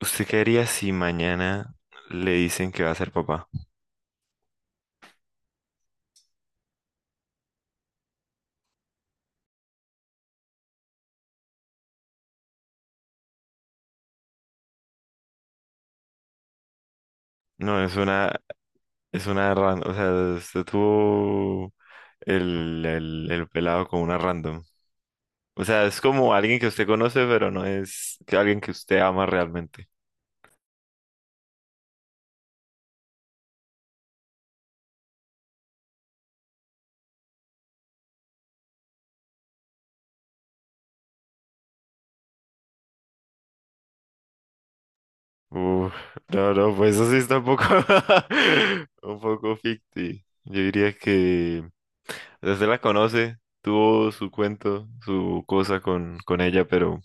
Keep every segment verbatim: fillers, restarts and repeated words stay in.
¿Usted qué haría si mañana le dicen que va a ser papá? No, es una, es una random. O sea, usted tuvo el, el, el pelado con una random. O sea, es como alguien que usted conoce, pero no es que alguien que usted ama realmente. Uf, no, no, pues eso sí está un poco, un poco ficti. Yo diría que, o sea, usted la conoce, tuvo su cuento, su cosa con, con ella, pero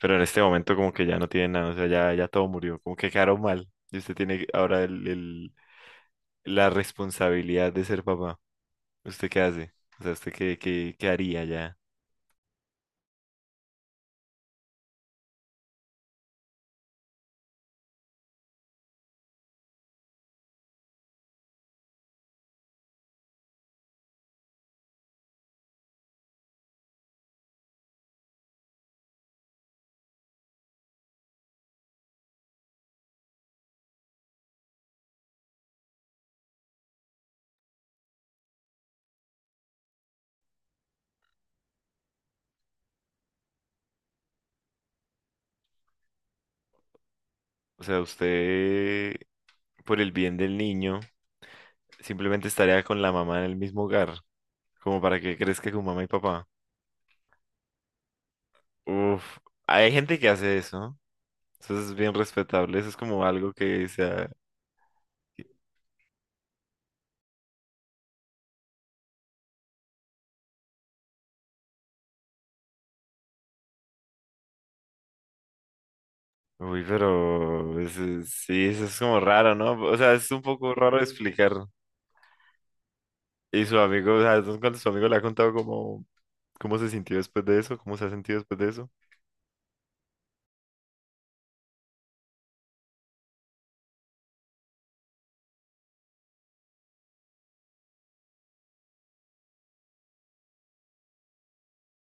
Pero en este momento como que ya no tiene nada. O sea, ya, ya todo murió, como que quedaron mal. Y usted tiene ahora el, el- la responsabilidad de ser papá. ¿Usted qué hace? O sea, ¿usted qué, qué, qué haría ya? O sea, usted, por el bien del niño, simplemente estaría con la mamá en el mismo hogar, como para que crezca con mamá y papá. Uf, hay gente que hace eso. Eso es bien respetable, eso es como algo que sea. Uy, pero es- es- sí, eso es como raro, ¿no? O sea, es un poco raro explicar. Y su amigo, o sea, entonces cuando su amigo le ha contado cómo, cómo, se sintió después de eso, cómo se ha sentido después de eso.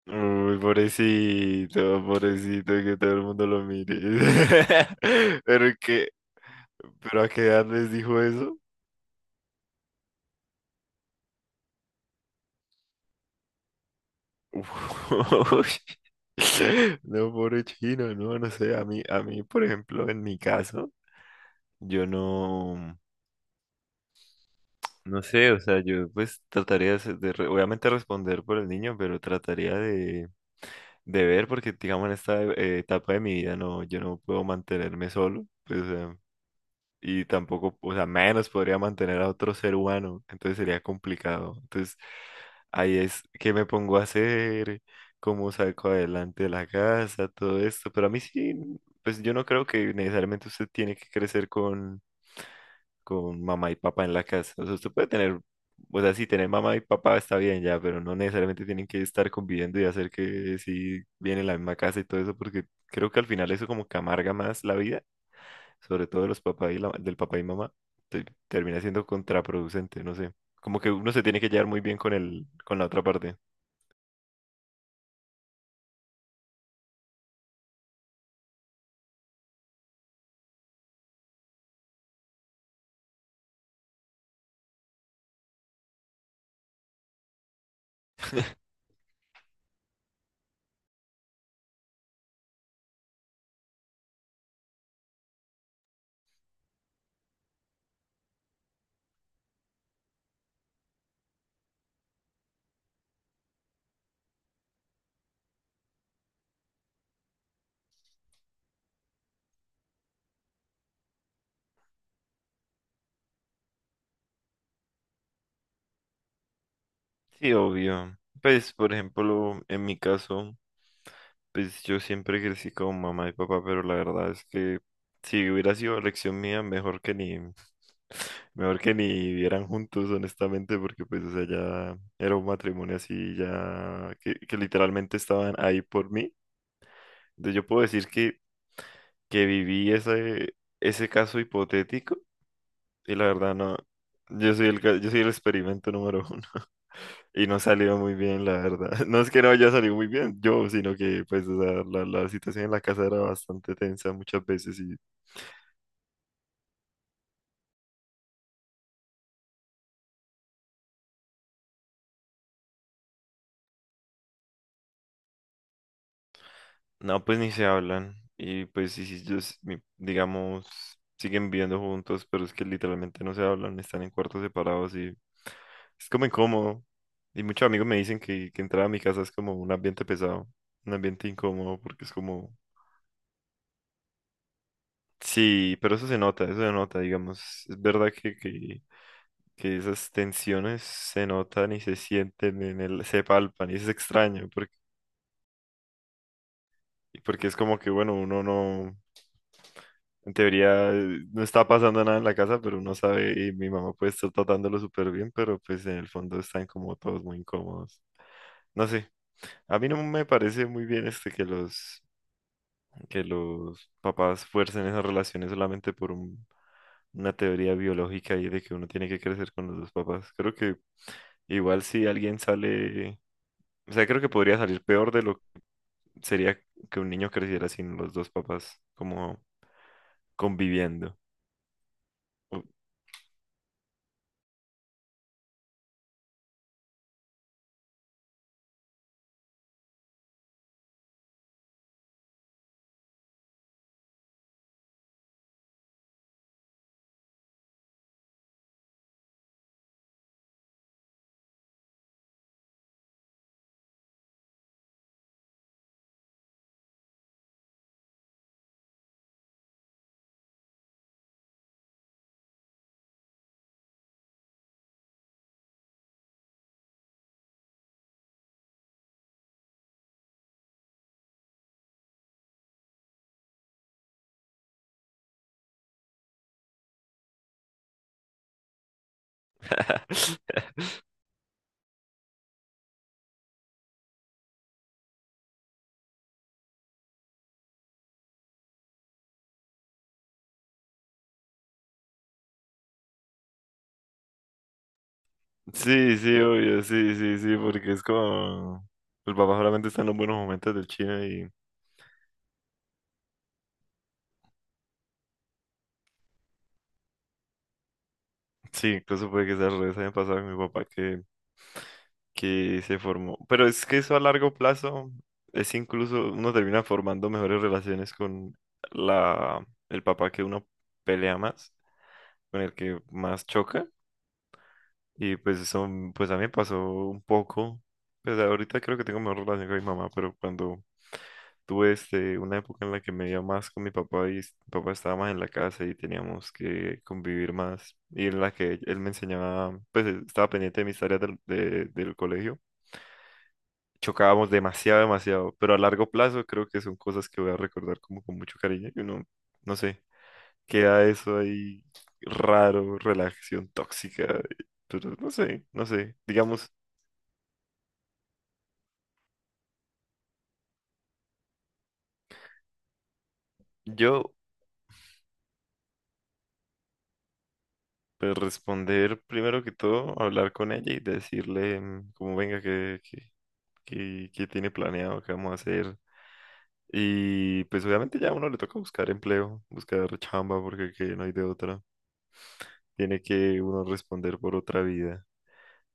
Uy, pobrecito, pobrecito, que todo el mundo lo mire. Pero que, pero a qué edad les dijo eso? Uy. No, pobre chino, no, no sé. A mí, a mí, por ejemplo, en mi caso, yo no, no sé. O sea, yo pues trataría de, ser- de re- obviamente responder por el niño, pero trataría de de ver, porque digamos en esta eh, etapa de mi vida no, yo no puedo mantenerme solo, pues, o sea. Y tampoco, o sea, menos podría mantener a otro ser humano, entonces sería complicado. Entonces, ahí es que me pongo a hacer, cómo saco adelante la casa, todo esto, pero a mí sí, pues yo no creo que necesariamente usted tiene que crecer con con mamá y papá en la casa. O sea, usted puede tener, o sea, sí, tener mamá y papá está bien ya, pero no necesariamente tienen que estar conviviendo y hacer que si viene la misma casa y todo eso, porque creo que al final eso como que amarga más la vida, sobre todo de los papás y la- del papá y mamá, te- termina siendo contraproducente, no sé. Como que uno se tiene que llevar muy bien con el, con la otra parte. Sí, obvio. Pues, por ejemplo, en mi caso, pues yo siempre crecí con mamá y papá, pero la verdad es que si hubiera sido elección mía, mejor que ni, mejor que ni vivieran juntos, honestamente. Porque pues, o sea, ya era un matrimonio así, ya que, que literalmente estaban ahí por mí. Entonces yo puedo decir que, que viví ese, ese, caso hipotético. Y la verdad no, yo soy el, ca- yo soy el experimento número uno y no salió muy bien, la verdad. No es que no haya salido muy bien yo, sino que pues, o sea, la, la situación en la casa era bastante tensa muchas veces y... No, pues ni se hablan. Y pues sí, sí, ellos, mi- digamos, siguen viviendo juntos, pero es que literalmente no se hablan, están en cuartos separados y es como incómodo. Y muchos amigos me dicen que, que, entrar a mi casa es como un ambiente pesado, un ambiente incómodo, porque es como... Sí, pero eso se nota, eso se nota, digamos. Es verdad que, que, que esas tensiones se notan y se sienten en el, se palpan, y es extraño. Porque, porque es como que, bueno, uno no... En teoría eh, no está pasando nada en la casa, pero uno sabe, y mi mamá puede estar tratándolo súper bien, pero pues en el fondo están como todos muy incómodos. No sé, a mí no me parece muy bien este que los que los papás fuercen esas relaciones solamente por un- una teoría biológica y de que uno tiene que crecer con los dos papás. Creo que igual si alguien sale, o sea, creo que podría salir peor de lo que sería que un niño creciera sin los dos papás como conviviendo. Sí, sí, obvio, sí, sí, sí, porque es como... El papá solamente está en los buenos momentos del chino y... Sí, incluso puede que sea al revés, haya pasado con mi papá que, que se formó. Pero es que eso a largo plazo es incluso... Uno termina formando mejores relaciones con la, el papá que uno pelea más, con el que más choca. Y pues eso, mm, pues a mí me pasó un poco. Pues ahorita creo que tengo mejor relación con mi mamá, pero cuando tuve este, una época en la que me iba más con mi papá y s- mi papá estaba más en la casa y teníamos que convivir más, y en la que él me enseñaba, pues él estaba pendiente de mis tareas del, de- del colegio. Chocábamos demasiado, demasiado, pero a largo plazo creo que son cosas que voy a recordar como con mucho cariño y uno, no sé, queda eso ahí raro, relación tóxica, pero no sé, no sé. Digamos, yo pues, responder primero que todo, hablar con ella y decirle mm, como venga, que, que, que, que tiene planeado, qué vamos a hacer. Y pues obviamente ya a uno le toca buscar empleo, buscar chamba porque que no hay de otra. Tiene que uno responder por otra vida.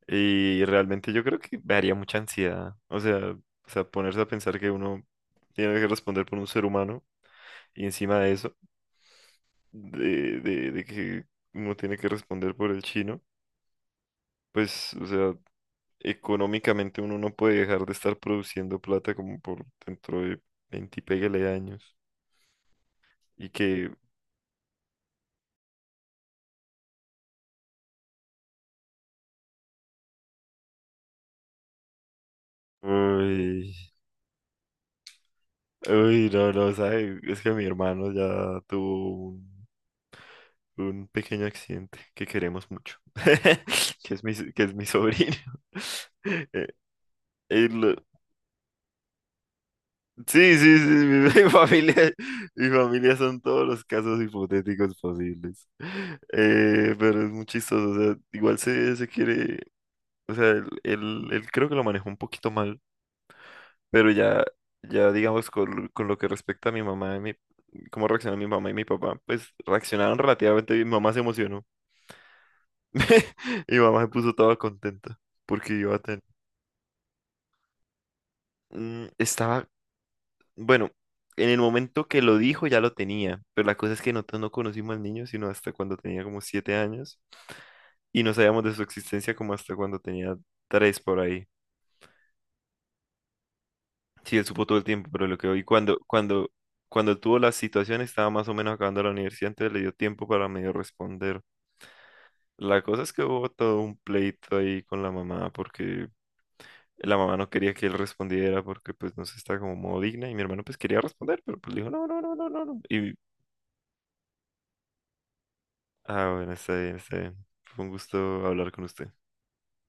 Y realmente yo creo que me haría mucha ansiedad. O sea, o sea, ponerse a pensar que uno tiene que responder por un ser humano. Y encima de eso, de, de, de que uno tiene que responder por el chino, pues, o sea, económicamente uno no puede dejar de estar produciendo plata como por dentro de veinte y pégale años. Y que, Uy, uy, no, no, sabe, es que mi hermano ya tuvo un, un pequeño accidente que queremos mucho, que es mi, que es mi sobrino. Eh, él, sí, sí, sí, mi, mi familia, mi familia son todos los casos hipotéticos posibles. Eh, pero es muy chistoso. O sea, igual se, se, quiere, o sea, él, él- él creo que lo manejó un poquito mal. Pero ya, ya digamos, con, con lo que respecta a mi mamá y mi, cómo reaccionaron mi mamá y mi papá, pues reaccionaron relativamente bien. Mi mamá se emocionó, y mi mamá se puso toda contenta porque iba a tener, mm, estaba bueno, en el momento que lo dijo ya lo tenía. Pero la cosa es que nosotros no conocimos al niño sino hasta cuando tenía como siete años, y no sabíamos de su existencia como hasta cuando tenía tres por ahí. Sí, él supo todo el tiempo, pero lo que hoy cuando, cuando, cuando tuvo la situación estaba más o menos acabando la universidad, entonces le dio tiempo para medio responder. La cosa es que hubo todo un pleito ahí con la mamá, porque la mamá no quería que él respondiera, porque pues no se está como modo digna, y mi hermano pues quería responder, pero pues le dijo no, no, no, no, no, no. Y Ah, bueno, está bien, está bien. Fue un gusto hablar con usted.